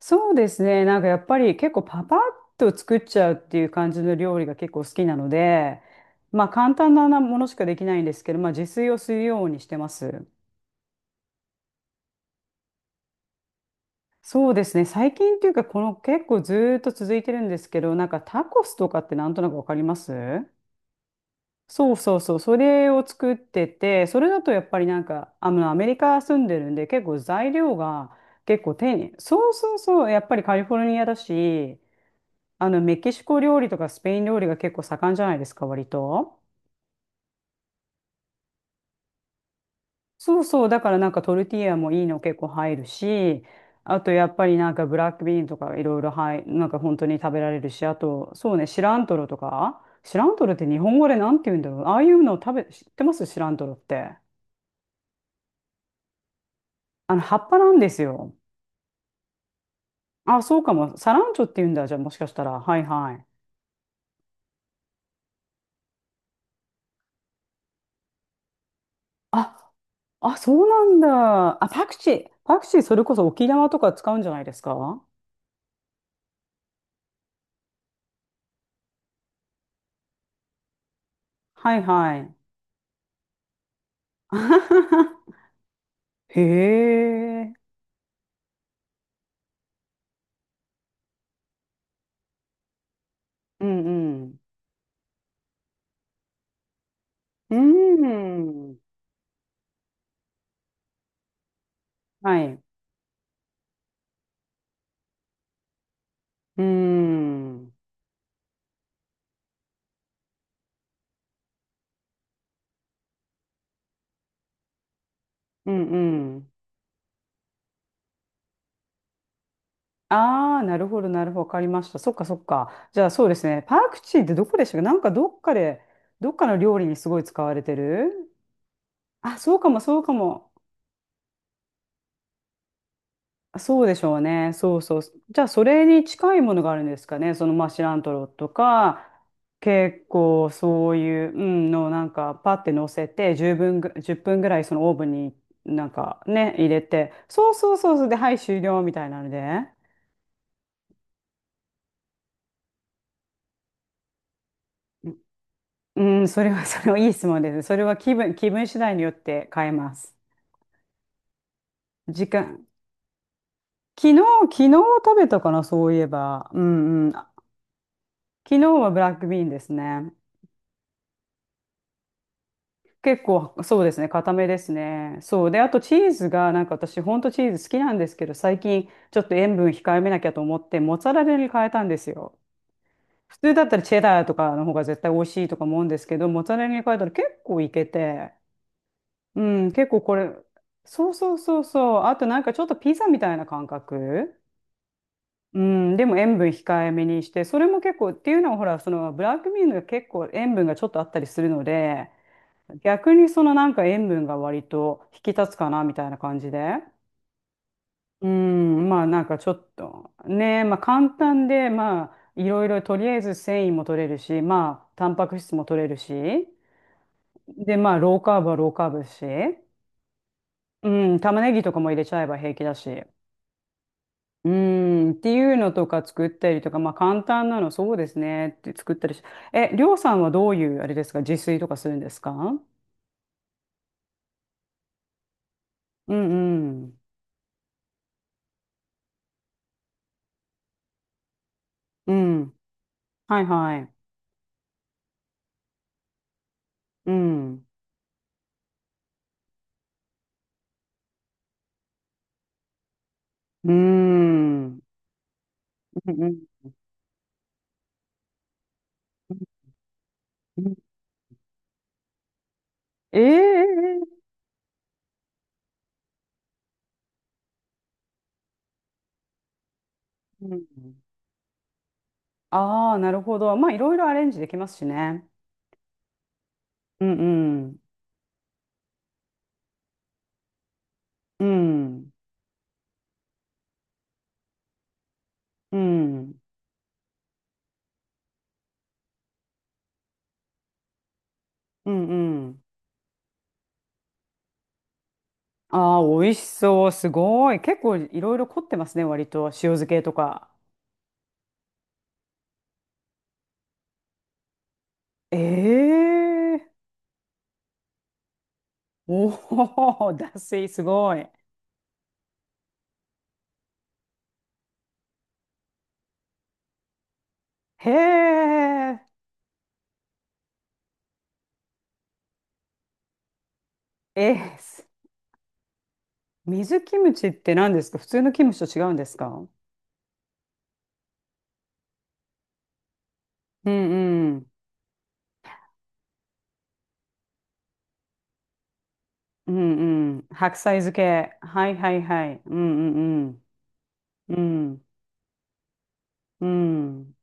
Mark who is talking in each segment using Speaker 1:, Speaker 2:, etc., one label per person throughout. Speaker 1: そうですね。なんかやっぱり結構パパッと作っちゃうっていう感じの料理が結構好きなので、まあ簡単なものしかできないんですけど、まあ自炊をするようにしてます。そうですね。最近っていうか、この結構ずーっと続いてるんですけど、なんかタコスとかってなんとなくわかります？そうそうそう。それを作ってて、それだとやっぱりなんか、アメリカ住んでるんで、結構材料が結構丁寧。そうそうそう。やっぱりカリフォルニアだし、メキシコ料理とかスペイン料理が結構盛んじゃないですか、割と。そうそう、だからなんかトルティーヤもいいの結構入るし、あとやっぱりなんかブラックビーンとかいろいろなんか本当に食べられるし、あと、そうね、シラントロとか、シラントロって日本語でなんて言うんだろう。ああいうのを知ってますシラントロって？葉っぱなんですよ。あ、そうかも。サランチョって言うんだ、じゃあもしかしたら。はいはい。あ、あ、そうなんだ。あ、パクチー。パクチーそれこそ沖縄とか使うんじゃないですか？はいはい。へえ。うんうん。うーん。はい。うーん。うんうん。ああ、なるほど、なるほど。わかりました。そっか、そっか。じゃあ、そうですね。パクチーってどこでしたっけ？なんかどっかで、どっかの料理にすごい使われてる。あ、そうかも、そうかも。あそうでしょうね。そうそう。じゃあ、それに近いものがあるんですかね。その、まあ、シラントロとか、結構そういう、うん、の、なんか、パって乗せて、10分ぐ、1分ぐらい、そのオーブンに、なんかね、入れて、そうそうそうそう、で、はい、終了みたいなので。うん、それはいい質問ですね。それは気分、気分次第によって変えます。時間。昨日、昨日食べたかな、そういえば。うんうん。昨日はブラックビーンですね。結構、そうですね、固めですね。そう。で、あとチーズが、なんか私、ほんとチーズ好きなんですけど、最近、ちょっと塩分控えめなきゃと思って、モッツァレラに変えたんですよ。普通だったらチェダーとかの方が絶対美味しいとか思うんですけど、モッツァレラに変えたら結構いけて、うん、結構これ、そうそうそうそう。あとなんかちょっとピザみたいな感覚。うん、でも塩分控えめにして、それも結構、っていうのはほら、そのブラックミーノが結構塩分がちょっとあったりするので、逆にそのなんか塩分が割と引き立つかなみたいな感じで。うん、まあなんかちょっとね、まあ簡単で、まあいろいろとりあえず繊維も取れるし、まあタンパク質も取れるし、でまあローカーブはローカーブだし、うん、玉ねぎとかも入れちゃえば平気だし、うん、っていうのとか作ったりとか、まあ簡単なのそうですねって作ったりし、え、りょうさんはどういうあれですか、自炊とかするんですか？うんうん、うん、はいはい、うん。うーん。うんうんうん。ええ。うん。ああ、なるほど。まあ、いろいろアレンジできますしね。うんうん。うん。うん。うんうん。ああ、美味しそう。すごい。結構いろいろ凝ってますね、割と。塩漬けとか。ええ。おお、脱水すごい。へえ。えー、す水キムチって何ですか？普通のキムチと違うんですか？うんうん。うんうん。白菜漬け。はいはいはい。うんうんうん。うん。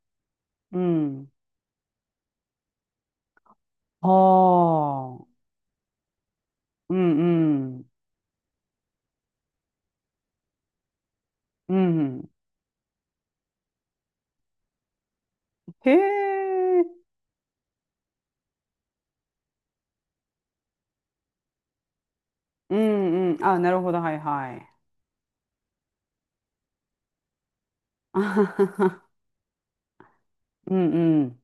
Speaker 1: うん。ああ。うんうん。うん。へえ。うんうん。あ、なるほど。はいはい。あはははうんうん。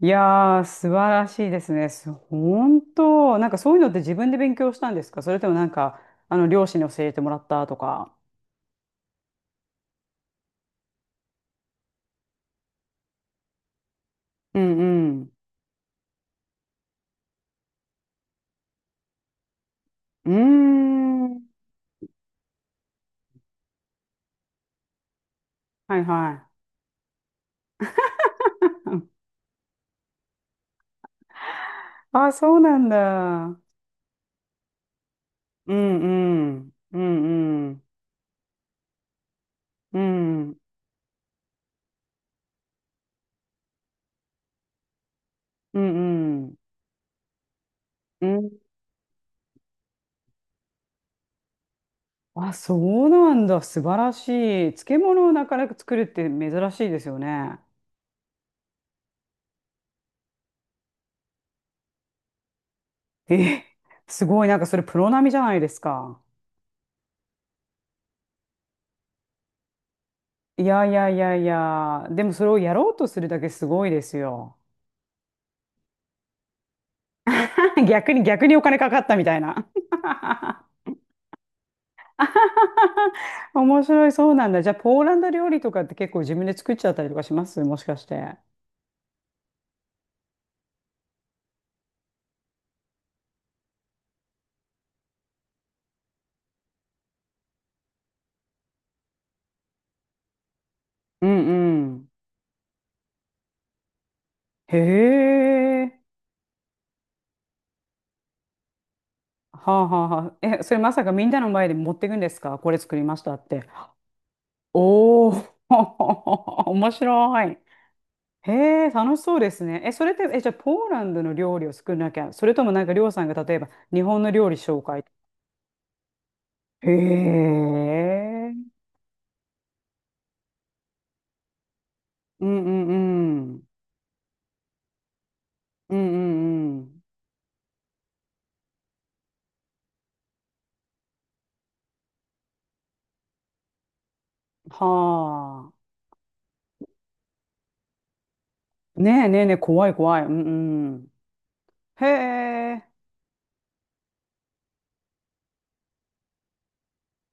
Speaker 1: いやー、素晴らしいですね。本当、なんかそういうのって自分で勉強したんですか？それともなんか、両親に教えてもらったとか。うんうん。うーん。はいはい。あ、そうなんだ。うんうん。うんうん。うん。うんうん。うん。あ、そうなんだ。素晴らしい。漬物をなかなか作るって珍しいですよね。え、すごい。なんかそれプロ並みじゃないですか？いやいやいやいや。でもそれをやろうとするだけすごいですよ。逆にお金かかったみたいな。面白い。そうなんだ。じゃあポーランド料理とかって結構自分で作っちゃったりとかします？もしかして。うんうん。へえ。はあはあはあ。え、それまさかみんなの前で持っていくんですか？これ作りましたって。おお、面白い。へえ、楽しそうですね。え、それって、え、じゃあポーランドの料理を作んなきゃ、それともなんかりょうさんが例えば日本の料理紹介。へえ。うんうんうん。うんうんうん。はあ。ねえねえねえ、怖い怖い。うんうん。へえ。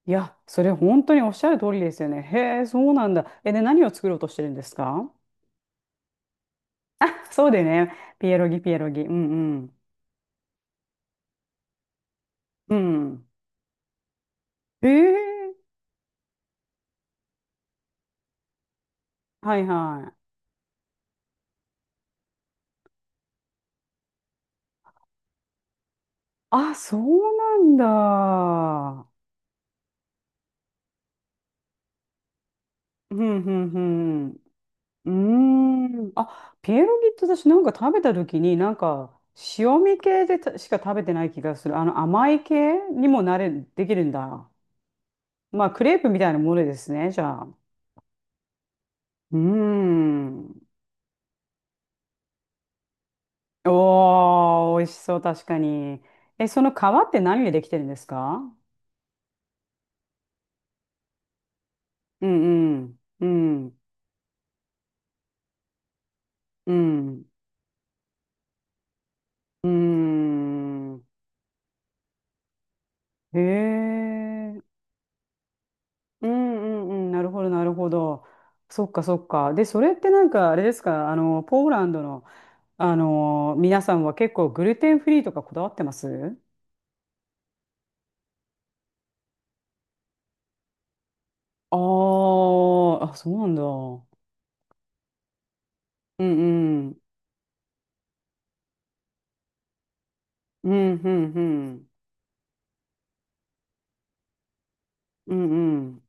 Speaker 1: いや、それ本当におっしゃる通りですよね。へえ、そうなんだ。え、で、何を作ろうとしてるんですか？そうでね、ピエロギ、ピエロギ。うんうん。うん。ええ、はいはい。あ、そうなんだ。うん、うん、うん。うーん。あ、ピエロギって私なんか食べた時に、なんか、塩味系でたしか食べてない気がする。甘い系にもできるんだ。まあ、クレープみたいなものですね、じゃあ。うーん。おー、美味しそう、確かに。え、その皮って何でできてるんですか？うんうん、うん、うん、うん。へえ、うんうんうん、なるほど、なるほど。そっか、そっか。で、それってなんか、あれですか、ポーランドの、皆さんは結構グルテンフリーとかこだわってます？あーあ、そうなんだ。うんうん。うんうんうん。うんうん。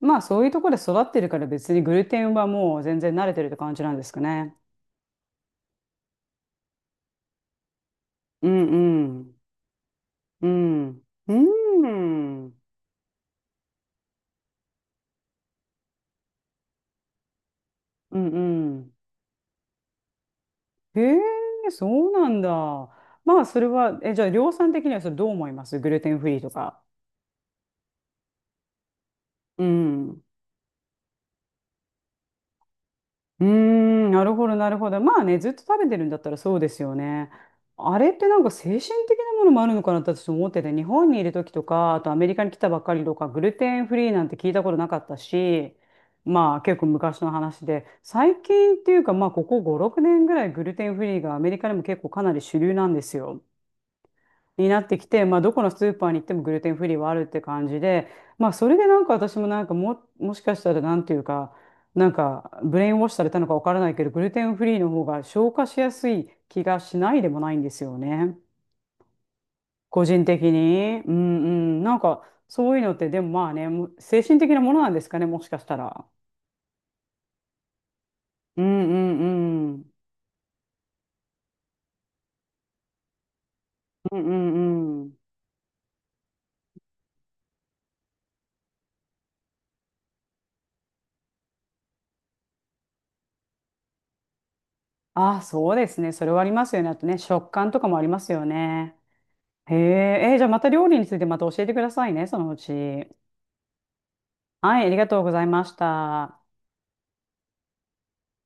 Speaker 1: まあそういうところで育ってるから別にグルテンはもう全然慣れてるって感じなんですかね。うんうん。うん。うんうん。うん。へえ、そうなんだ。まあそれは、え、じゃあ量産的にはそれどう思います？グルテンフリーとか。うん。うーん、なるほど、なるほど。まあね、ずっと食べてるんだったらそうですよね。あれってなんか精神的なものもあるのかなって私思ってて、日本にいる時とか、あとアメリカに来たばっかりとか、グルテンフリーなんて聞いたことなかったし、まあ結構昔の話で、最近っていうかまあここ5、6年ぐらいグルテンフリーがアメリカでも結構かなり主流なんですよ。になってきて、まあ、どこのスーパーに行ってもグルテンフリーはあるって感じで、まあ、それでなんか私もなんかも、もしかしたらなんていうか、なんかブレインウォッシュされたのかわからないけど、グルテンフリーの方が消化しやすい気がしないでもないんですよね。個人的に。うんうん。なんかそういうのってでもまあね、もう精神的なものなんですかね、もしかしたら。うんうんうん。うんうんうん。ああ、そうですね。それはありますよね。あとね、食感とかもありますよね。へえ、えーじゃあまた料理についてまた教えてくださいね、そのうち。はい、ありがとうございました。